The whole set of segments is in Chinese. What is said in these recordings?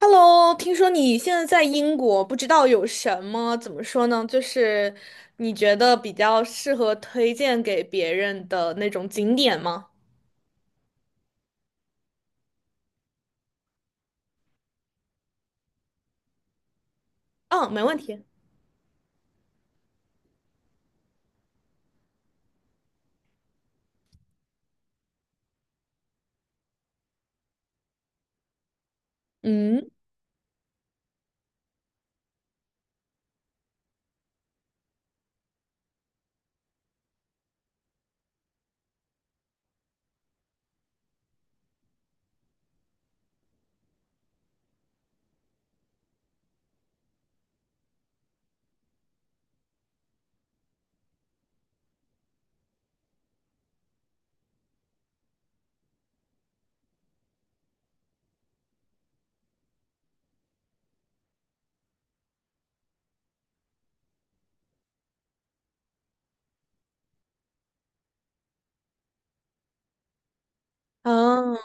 Hello，听说你现在在英国，不知道有什么，怎么说呢？就是你觉得比较适合推荐给别人的那种景点吗？嗯，没问题。嗯，啊，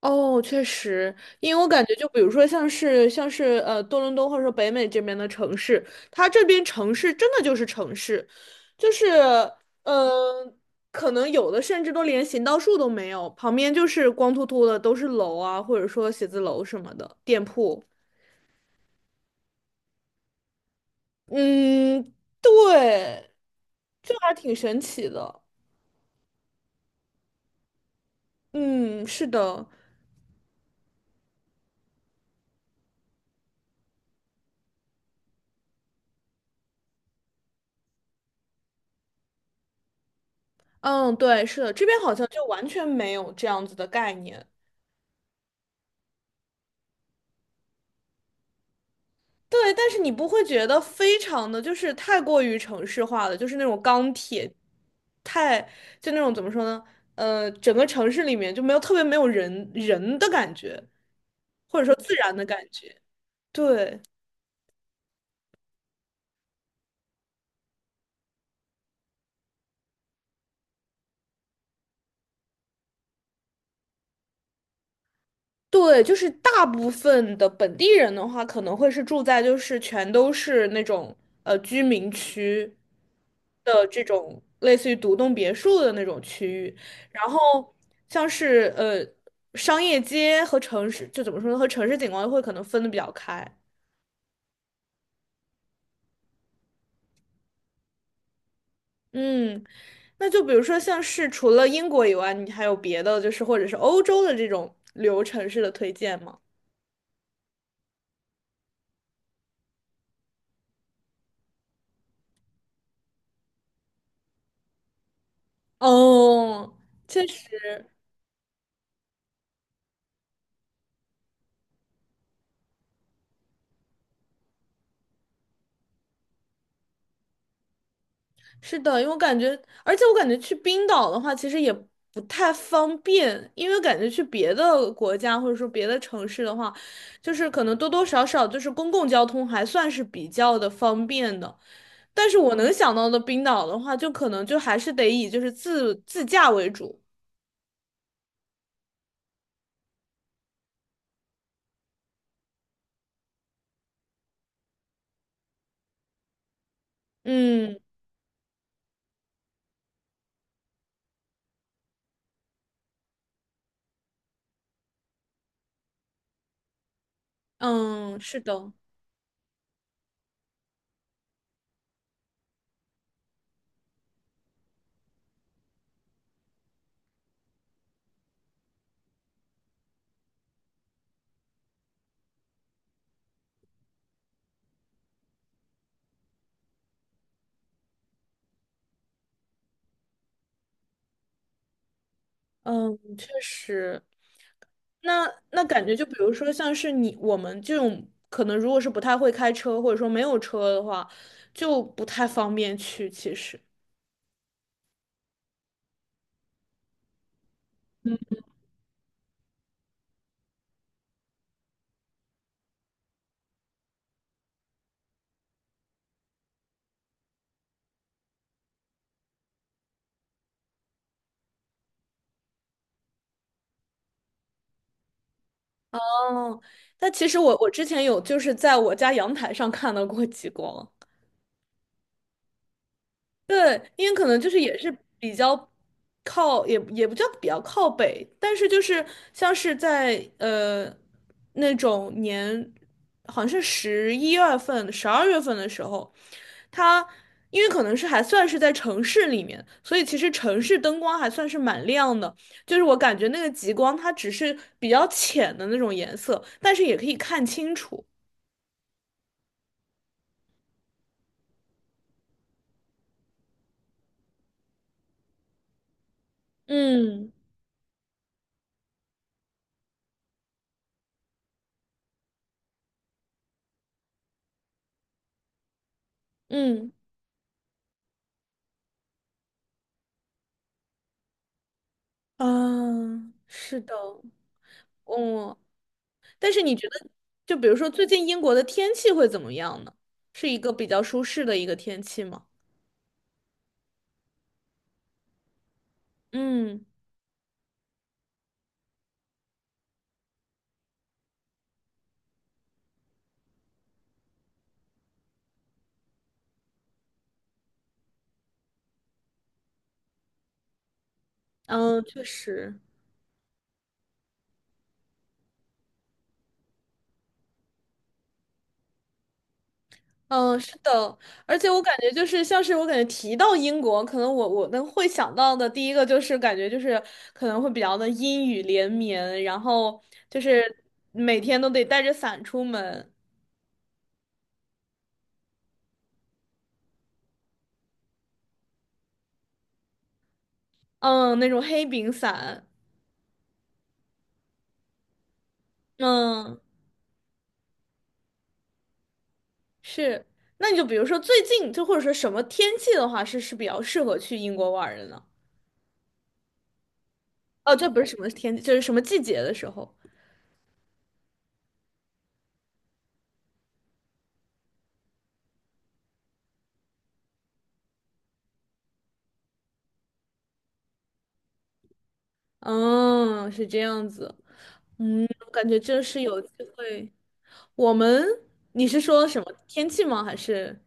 哦，确实，因为我感觉，就比如说像是多伦多或者说北美这边的城市，它这边城市真的就是城市，就是呃，可能有的甚至都连行道树都没有，旁边就是光秃秃的都是楼啊，或者说写字楼什么的店铺。嗯，对，这还挺神奇的。嗯，是的，嗯，对，是的，这边好像就完全没有这样子的概念。对，但是你不会觉得非常的就是太过于城市化了，就是那种钢铁，太就那种怎么说呢？整个城市里面就没有特别没有人的感觉，或者说自然的感觉。对。对，就是大部分的本地人的话，可能会是住在就是全都是那种居民区的这种类似于独栋别墅的那种区域，然后像是商业街和城市，就怎么说呢，和城市景观会可能分的比较开。嗯，那就比如说像是除了英国以外，你还有别的就是或者是欧洲的这种旅游城市的推荐吗？哦，确实。是的，因为我感觉，而且我感觉去冰岛的话，其实也不太方便，因为感觉去别的国家或者说别的城市的话，就是可能多多少少就是公共交通还算是比较的方便的。但是我能想到的冰岛的话，就可能就还是得以就是自驾为主。嗯嗯，是的，嗯，确实。那感觉就比如说像是你我们这种可能如果是不太会开车或者说没有车的话，就不太方便去。其实，嗯，但其实我之前有就是在我家阳台上看到过极光。对，因为可能就是也是比较靠，也不叫比较靠北，但是就是像是在那种年，好像是11月份、12月份的时候，它因为可能是还算是在城市里面，所以其实城市灯光还算是蛮亮的，就是我感觉那个极光它只是比较浅的那种颜色，但是也可以看清楚。嗯嗯啊，是的，嗯，但是你觉得，就比如说最近英国的天气会怎么样呢？是一个比较舒适的一个天气吗？嗯嗯，确实，嗯，是的，而且我感觉就是像是我感觉提到英国，可能我能会想到的第一个就是感觉就是可能会比较的阴雨连绵，然后就是每天都得带着伞出门，嗯，那种黑柄伞，嗯，是。那你就比如说最近就或者说什么天气的话，是比较适合去英国玩儿的呢？哦，这不是什么天，就是什么季节的时候。嗯，是这样子。嗯，我感觉这是有机会。我们，你是说什么天气吗？还是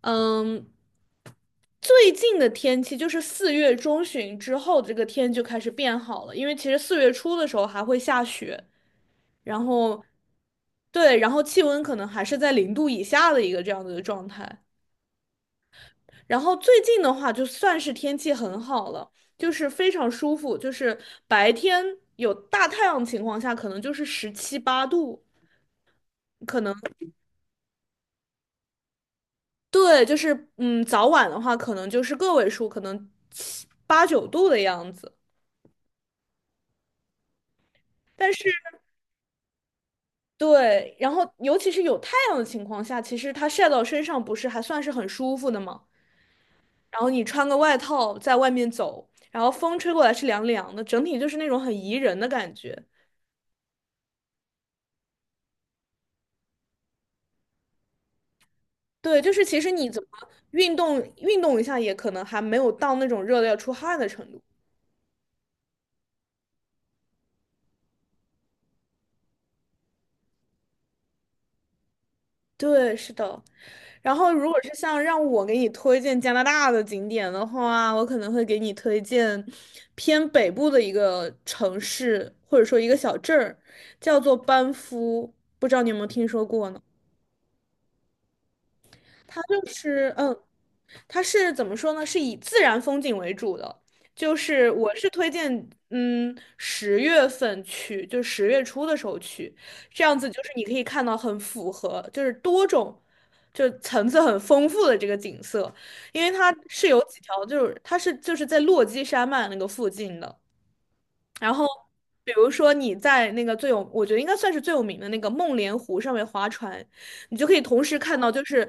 嗯，最近的天气就是4月中旬之后，这个天就开始变好了。因为其实4月初的时候还会下雪，然后对，然后气温可能还是在0度以下的一个这样子的状态。然后最近的话，就算是天气很好了，就是非常舒服，就是白天有大太阳情况下，可能就是十七八度，可能对，就是嗯，早晚的话，可能就是个位数，可能七八九度的样子。但是对，然后尤其是有太阳的情况下，其实它晒到身上不是还算是很舒服的吗？然后你穿个外套在外面走，然后风吹过来是凉凉的，整体就是那种很宜人的感觉。对，就是其实你怎么运动运动一下，也可能还没有到那种热的要出汗的程度。对，是的。然后，如果是像让我给你推荐加拿大的景点的话，我可能会给你推荐偏北部的一个城市，或者说一个小镇儿，叫做班夫。不知道你有没有听说过呢？它就是嗯。它是怎么说呢？是以自然风景为主的，就是我是推荐，嗯，10月份去，就10月初的时候去，这样子就是你可以看到很符合，就是多种，就层次很丰富的这个景色，因为它是有几条，就是它是就是在落基山脉那个附近的。然后，比如说你在那个最有，我觉得应该算是最有名的那个梦莲湖上面划船，你就可以同时看到就是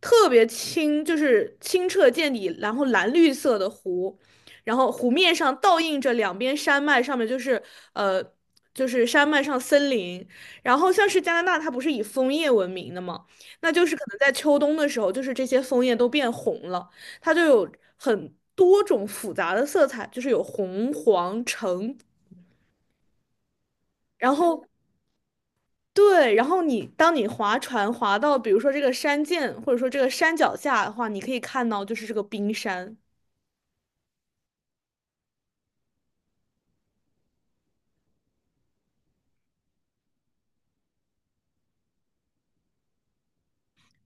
特别清，就是清澈见底，然后蓝绿色的湖，然后湖面上倒映着两边山脉，上面就是呃就是山脉上森林，然后像是加拿大，它不是以枫叶闻名的吗？那就是可能在秋冬的时候，就是这些枫叶都变红了。它就有很多种复杂的色彩，就是有红、黄、橙，然后 对，然后你当你划船划到，比如说这个山涧或者说这个山脚下的话，你可以看到就是这个冰山，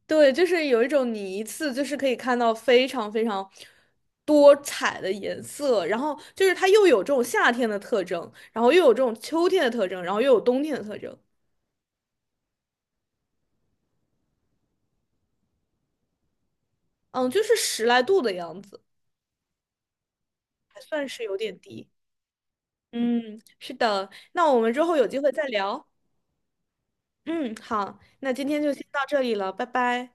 对，就是有一种你一次就是可以看到非常非常。多彩的颜色，然后就是它又有这种夏天的特征，然后又有这种秋天的特征，然后又有冬天的特征，嗯，就是十来度的样子，还算是有点低。嗯，是的，那我们之后有机会再聊。嗯，好，那今天就先到这里了，拜拜。